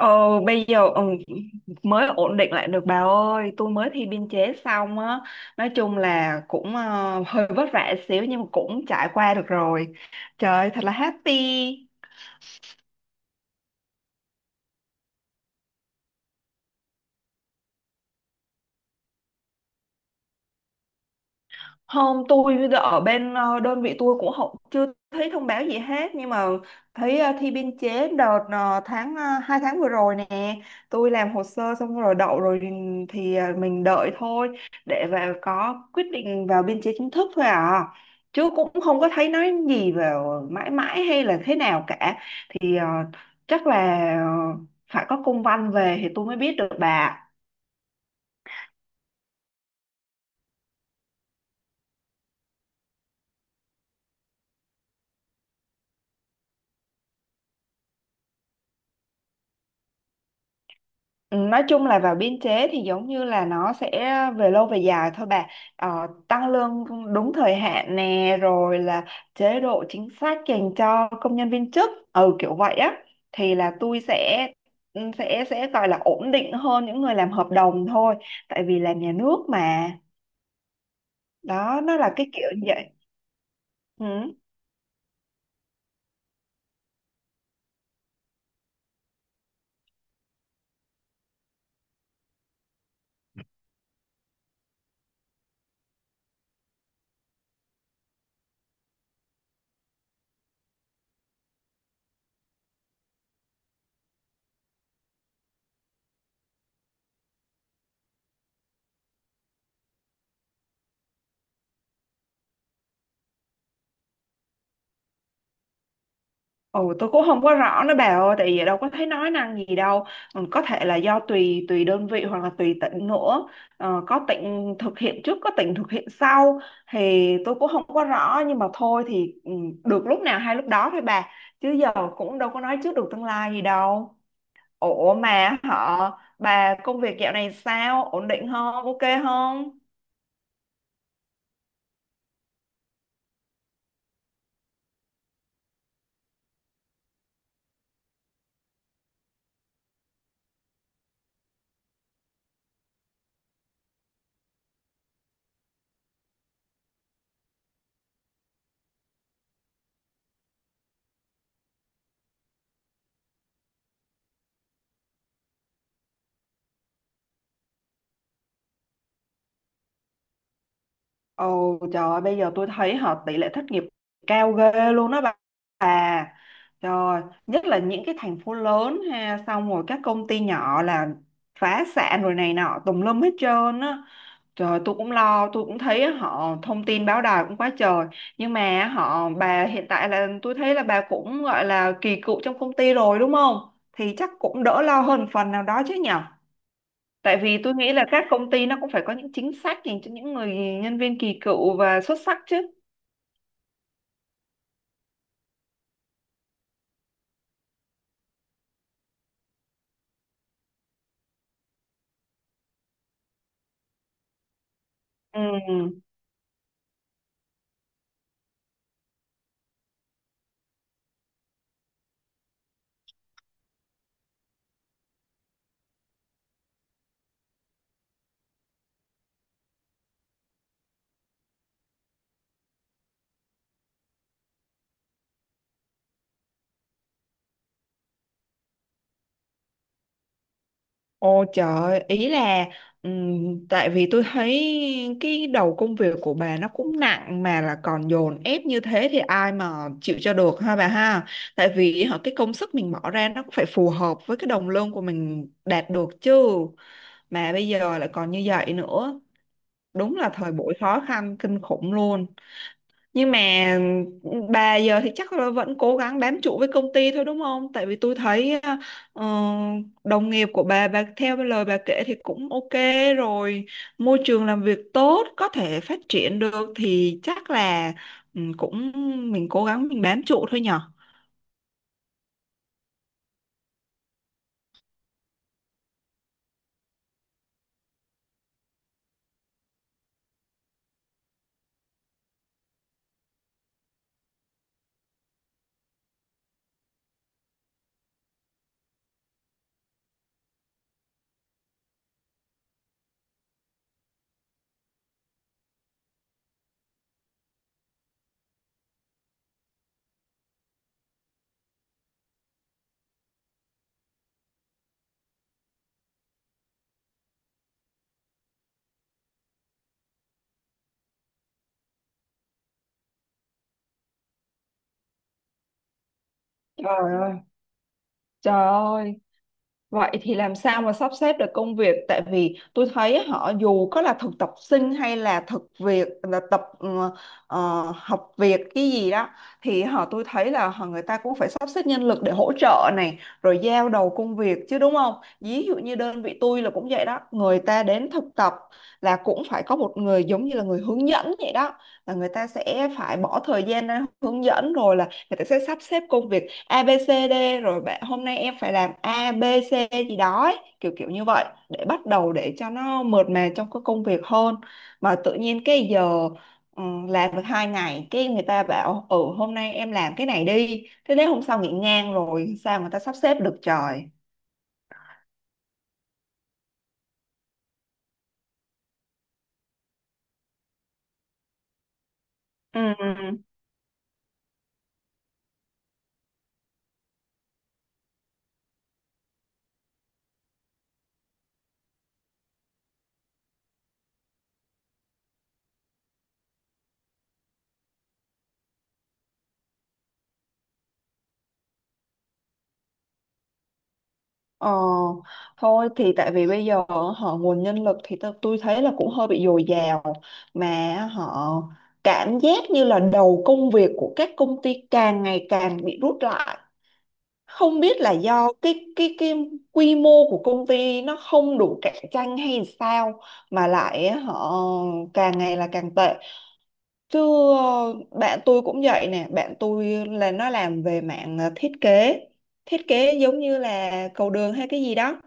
Ồ, bây giờ mới ổn định lại được bà ơi. Tôi mới thi biên chế xong á, nói chung là cũng hơi vất vả xíu nhưng mà cũng trải qua được rồi, trời thật là happy. Hôm tôi ở bên đơn vị tôi cũng không, chưa thấy thông báo gì hết nhưng mà thấy thi biên chế đợt 2 tháng vừa rồi nè. Tôi làm hồ sơ xong rồi đậu rồi thì thì mình đợi thôi, để vào có quyết định vào biên chế chính thức thôi à, chứ cũng không có thấy nói gì về mãi mãi hay là thế nào cả. Thì ờ, chắc là ờ, phải có công văn về thì tôi mới biết được bà. Ừ, nói chung là vào biên chế thì giống như là nó sẽ về lâu về dài thôi bà, tăng lương đúng thời hạn nè, rồi là chế độ chính sách dành cho công nhân viên chức, ừ, kiểu vậy á. Thì là tôi sẽ, ừ, sẽ gọi là ổn định hơn những người làm hợp đồng thôi, tại vì làm nhà nước mà, đó nó là cái kiểu như vậy. Ừ. Ồ, tôi cũng không có rõ nữa bà ơi, tại vì đâu có thấy nói năng gì đâu. Ừ, có thể là do tùy tùy đơn vị hoặc là tùy tỉnh nữa. Ờ, có tỉnh thực hiện trước, có tỉnh thực hiện sau, thì tôi cũng không có rõ nhưng mà thôi thì, ừ, được lúc nào hay lúc đó thôi bà. Chứ giờ cũng đâu có nói trước được tương lai gì đâu. Ủa mà họ bà công việc dạo này sao? Ổn định không? Ok không? Ồ trời ơi, bây giờ tôi thấy họ tỷ lệ thất nghiệp cao ghê luôn đó bà. Rồi, nhất là những cái thành phố lớn ha, xong rồi các công ty nhỏ là phá sản rồi này nọ tùm lum hết trơn á. Trời tôi cũng lo, tôi cũng thấy họ thông tin báo đài cũng quá trời. Nhưng mà họ bà hiện tại là tôi thấy là bà cũng gọi là kỳ cựu trong công ty rồi đúng không? Thì chắc cũng đỡ lo hơn phần nào đó chứ nhở? Tại vì tôi nghĩ là các công ty nó cũng phải có những chính sách dành cho những người nhân viên kỳ cựu và xuất sắc chứ. Ừ. Ô trời, ý là, tại vì tôi thấy cái đầu công việc của bà nó cũng nặng mà là còn dồn ép như thế thì ai mà chịu cho được ha bà ha. Tại vì họ cái công sức mình bỏ ra nó cũng phải phù hợp với cái đồng lương của mình đạt được chứ. Mà bây giờ lại còn như vậy nữa, đúng là thời buổi khó khăn kinh khủng luôn, nhưng mà bà giờ thì chắc là vẫn cố gắng bám trụ với công ty thôi đúng không? Tại vì tôi thấy ờ, đồng nghiệp của bà theo lời bà kể thì cũng ok rồi, môi trường làm việc tốt, có thể phát triển được thì chắc là, ừ, cũng mình cố gắng mình bám trụ thôi nhở? Trời ơi, trời ơi, vậy thì làm sao mà sắp xếp được công việc, tại vì tôi thấy họ dù có là thực tập sinh hay là thực việc là tập học việc cái gì đó, thì họ tôi thấy là họ người ta cũng phải sắp xếp nhân lực để hỗ trợ này rồi giao đầu công việc chứ đúng không? Ví dụ như đơn vị tôi là cũng vậy đó, người ta đến thực tập là cũng phải có một người giống như là người hướng dẫn vậy đó, là người ta sẽ phải bỏ thời gian ra hướng dẫn rồi là người ta sẽ sắp xếp công việc ABCD, rồi bạn hôm nay em phải làm ABC gì đó ấy, kiểu kiểu như vậy để bắt đầu để cho nó mượt mà trong cái công việc hơn. Mà tự nhiên cái giờ, ừ, làm được 2 ngày cái người ta bảo ừ hôm nay em làm cái này đi, thế đến hôm sau nghỉ ngang rồi sao người ta sắp xếp được trời. Ừ. Ờ, thôi thì tại vì bây giờ họ nguồn nhân lực thì tôi thấy là cũng hơi bị dồi dào, mà họ cảm giác như là đầu công việc của các công ty càng ngày càng bị rút lại, không biết là do cái quy mô của công ty nó không đủ cạnh tranh hay sao mà lại họ càng ngày là càng tệ. Chứ ờ, bạn tôi cũng vậy nè, bạn tôi là nó làm về mạng thiết kế giống như là cầu đường hay cái gì đó.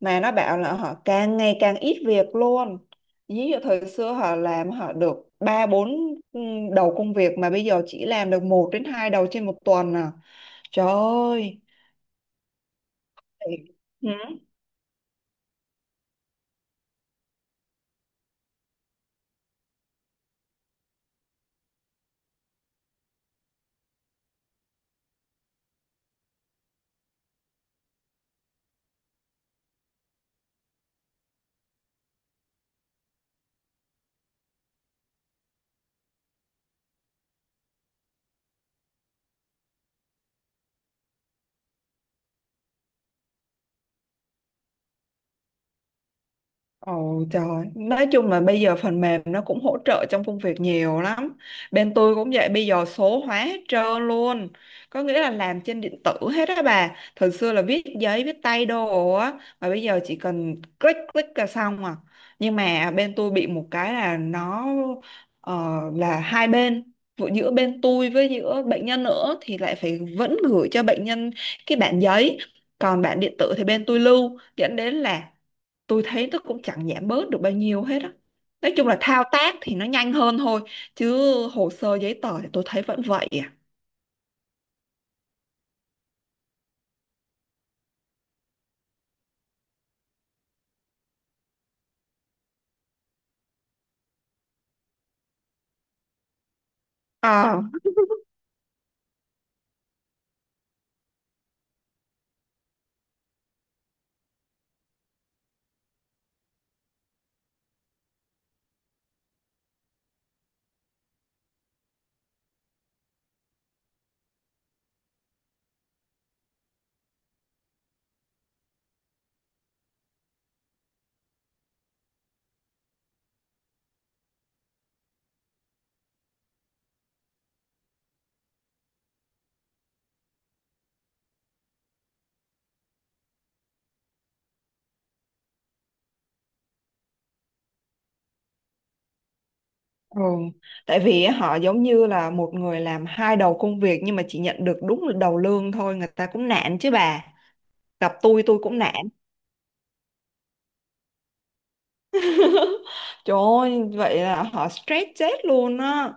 Mà nó bảo là họ càng ngày càng ít việc luôn. Ví dụ thời xưa họ làm họ được 3 4 đầu công việc mà bây giờ chỉ làm được một đến hai đầu trên một tuần à. Trời ơi. Ừ. Ồ trời, nói chung là bây giờ phần mềm nó cũng hỗ trợ trong công việc nhiều lắm. Bên tôi cũng vậy, bây giờ số hóa hết trơn luôn. Có nghĩa là làm trên điện tử hết á bà. Thời xưa là viết giấy, viết tay đồ á, mà bây giờ chỉ cần click click là xong à. Nhưng mà bên tôi bị một cái là nó, là hai bên, vừa giữa bên tôi với giữa bệnh nhân nữa thì lại phải vẫn gửi cho bệnh nhân cái bản giấy, còn bản điện tử thì bên tôi lưu, dẫn đến là tôi thấy nó cũng chẳng giảm bớt được bao nhiêu hết á. Nói chung là thao tác thì nó nhanh hơn thôi, chứ hồ sơ giấy tờ thì tôi thấy vẫn vậy à. À, ừ. Tại vì họ giống như là một người làm hai đầu công việc nhưng mà chỉ nhận được đúng một đầu lương thôi, người ta cũng nản chứ bà. Gặp tôi cũng nản. Trời ơi, vậy là họ stress chết luôn á.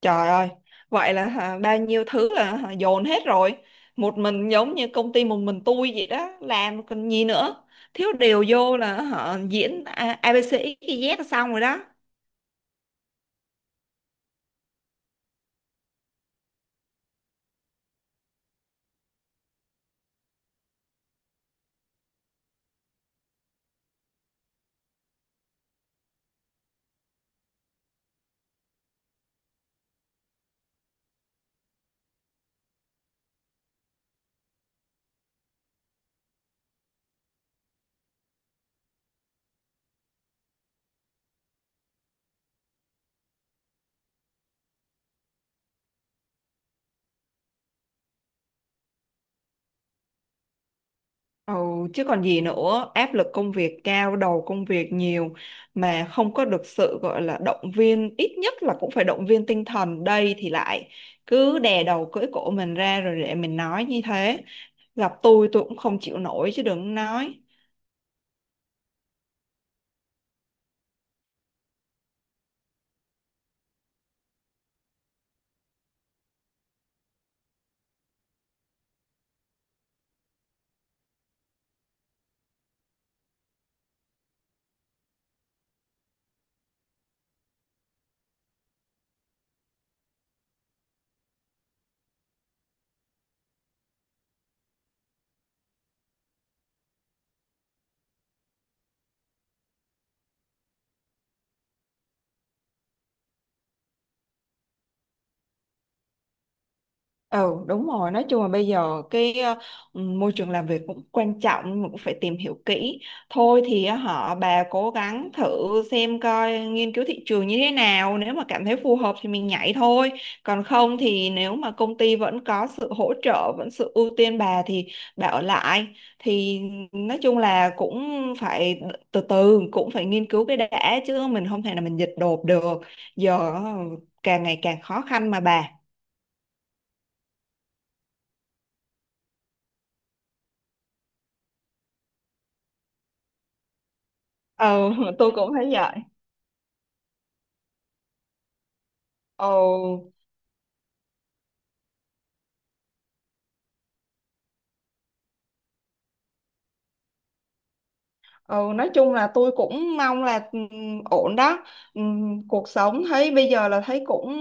Trời ơi, vậy là hả, bao nhiêu thứ là hả, dồn hết rồi. Một mình giống như công ty một mình tôi vậy đó, làm còn gì nữa. Thiếu điều vô là họ diễn A- ABC XYZ là xong rồi đó. Ừ, chứ còn gì nữa, áp lực công việc cao, đầu công việc nhiều mà không có được sự gọi là động viên, ít nhất là cũng phải động viên tinh thần. Đây thì lại cứ đè đầu cưỡi cổ mình ra rồi để mình nói như thế. Gặp tôi cũng không chịu nổi chứ đừng nói. Ừ đúng rồi, nói chung là bây giờ cái môi trường làm việc cũng quan trọng nhưng mà cũng phải tìm hiểu kỹ. Thôi thì họ bà cố gắng thử xem coi nghiên cứu thị trường như thế nào, nếu mà cảm thấy phù hợp thì mình nhảy thôi, còn không thì nếu mà công ty vẫn có sự hỗ trợ vẫn sự ưu tiên bà thì bà ở lại. Thì nói chung là cũng phải từ từ, cũng phải nghiên cứu cái đã chứ mình không thể là mình dịch đột được. Giờ càng ngày càng khó khăn mà bà. Ừ, tôi cũng thấy vậy. Ừ. Ừ nói chung là tôi cũng mong là, ổn đó. Cuộc sống thấy bây giờ là thấy cũng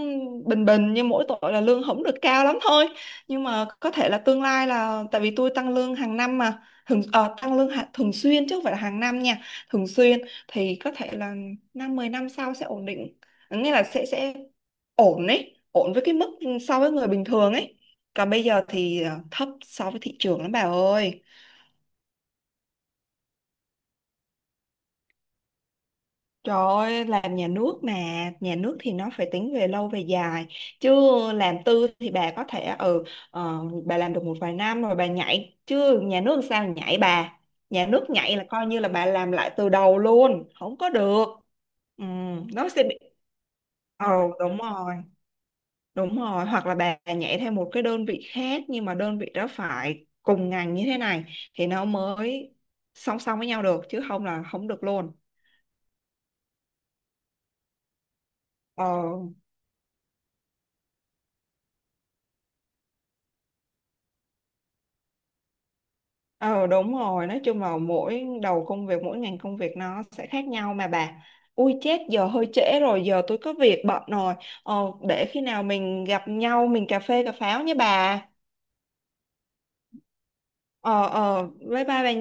bình bình, nhưng mỗi tội là lương không được cao lắm thôi. Nhưng mà có thể là tương lai là tại vì tôi tăng lương hàng năm mà, thường tăng lương thường xuyên chứ không phải là hàng năm nha, thường xuyên, thì có thể là 5 10 năm sau sẽ ổn định, nghĩa là sẽ ổn ấy, ổn với cái mức so với người bình thường ấy. Còn bây giờ thì thấp so với thị trường lắm bà ơi. Trời ơi, làm nhà nước mà, nhà nước thì nó phải tính về lâu về dài. Chứ làm tư thì bà có thể ờ, bà làm được 1 vài năm rồi bà nhảy, chứ nhà nước sao nhảy bà. Nhà nước nhảy là coi như là bà làm lại từ đầu luôn, không có được. Ừ, nó sẽ bị, ồ đúng rồi, hoặc là bà nhảy theo một cái đơn vị khác nhưng mà đơn vị đó phải cùng ngành như thế này thì nó mới song song với nhau được chứ không là không được luôn. Ờ. Ờ đúng rồi, nói chung là mỗi đầu công việc, mỗi ngành công việc nó sẽ khác nhau mà bà. Ui chết, giờ hơi trễ rồi, giờ tôi có việc bận rồi. Ờ, để khi nào mình gặp nhau, mình cà phê cà pháo nhé bà. Ờ, ờ, bye bye bà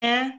nha.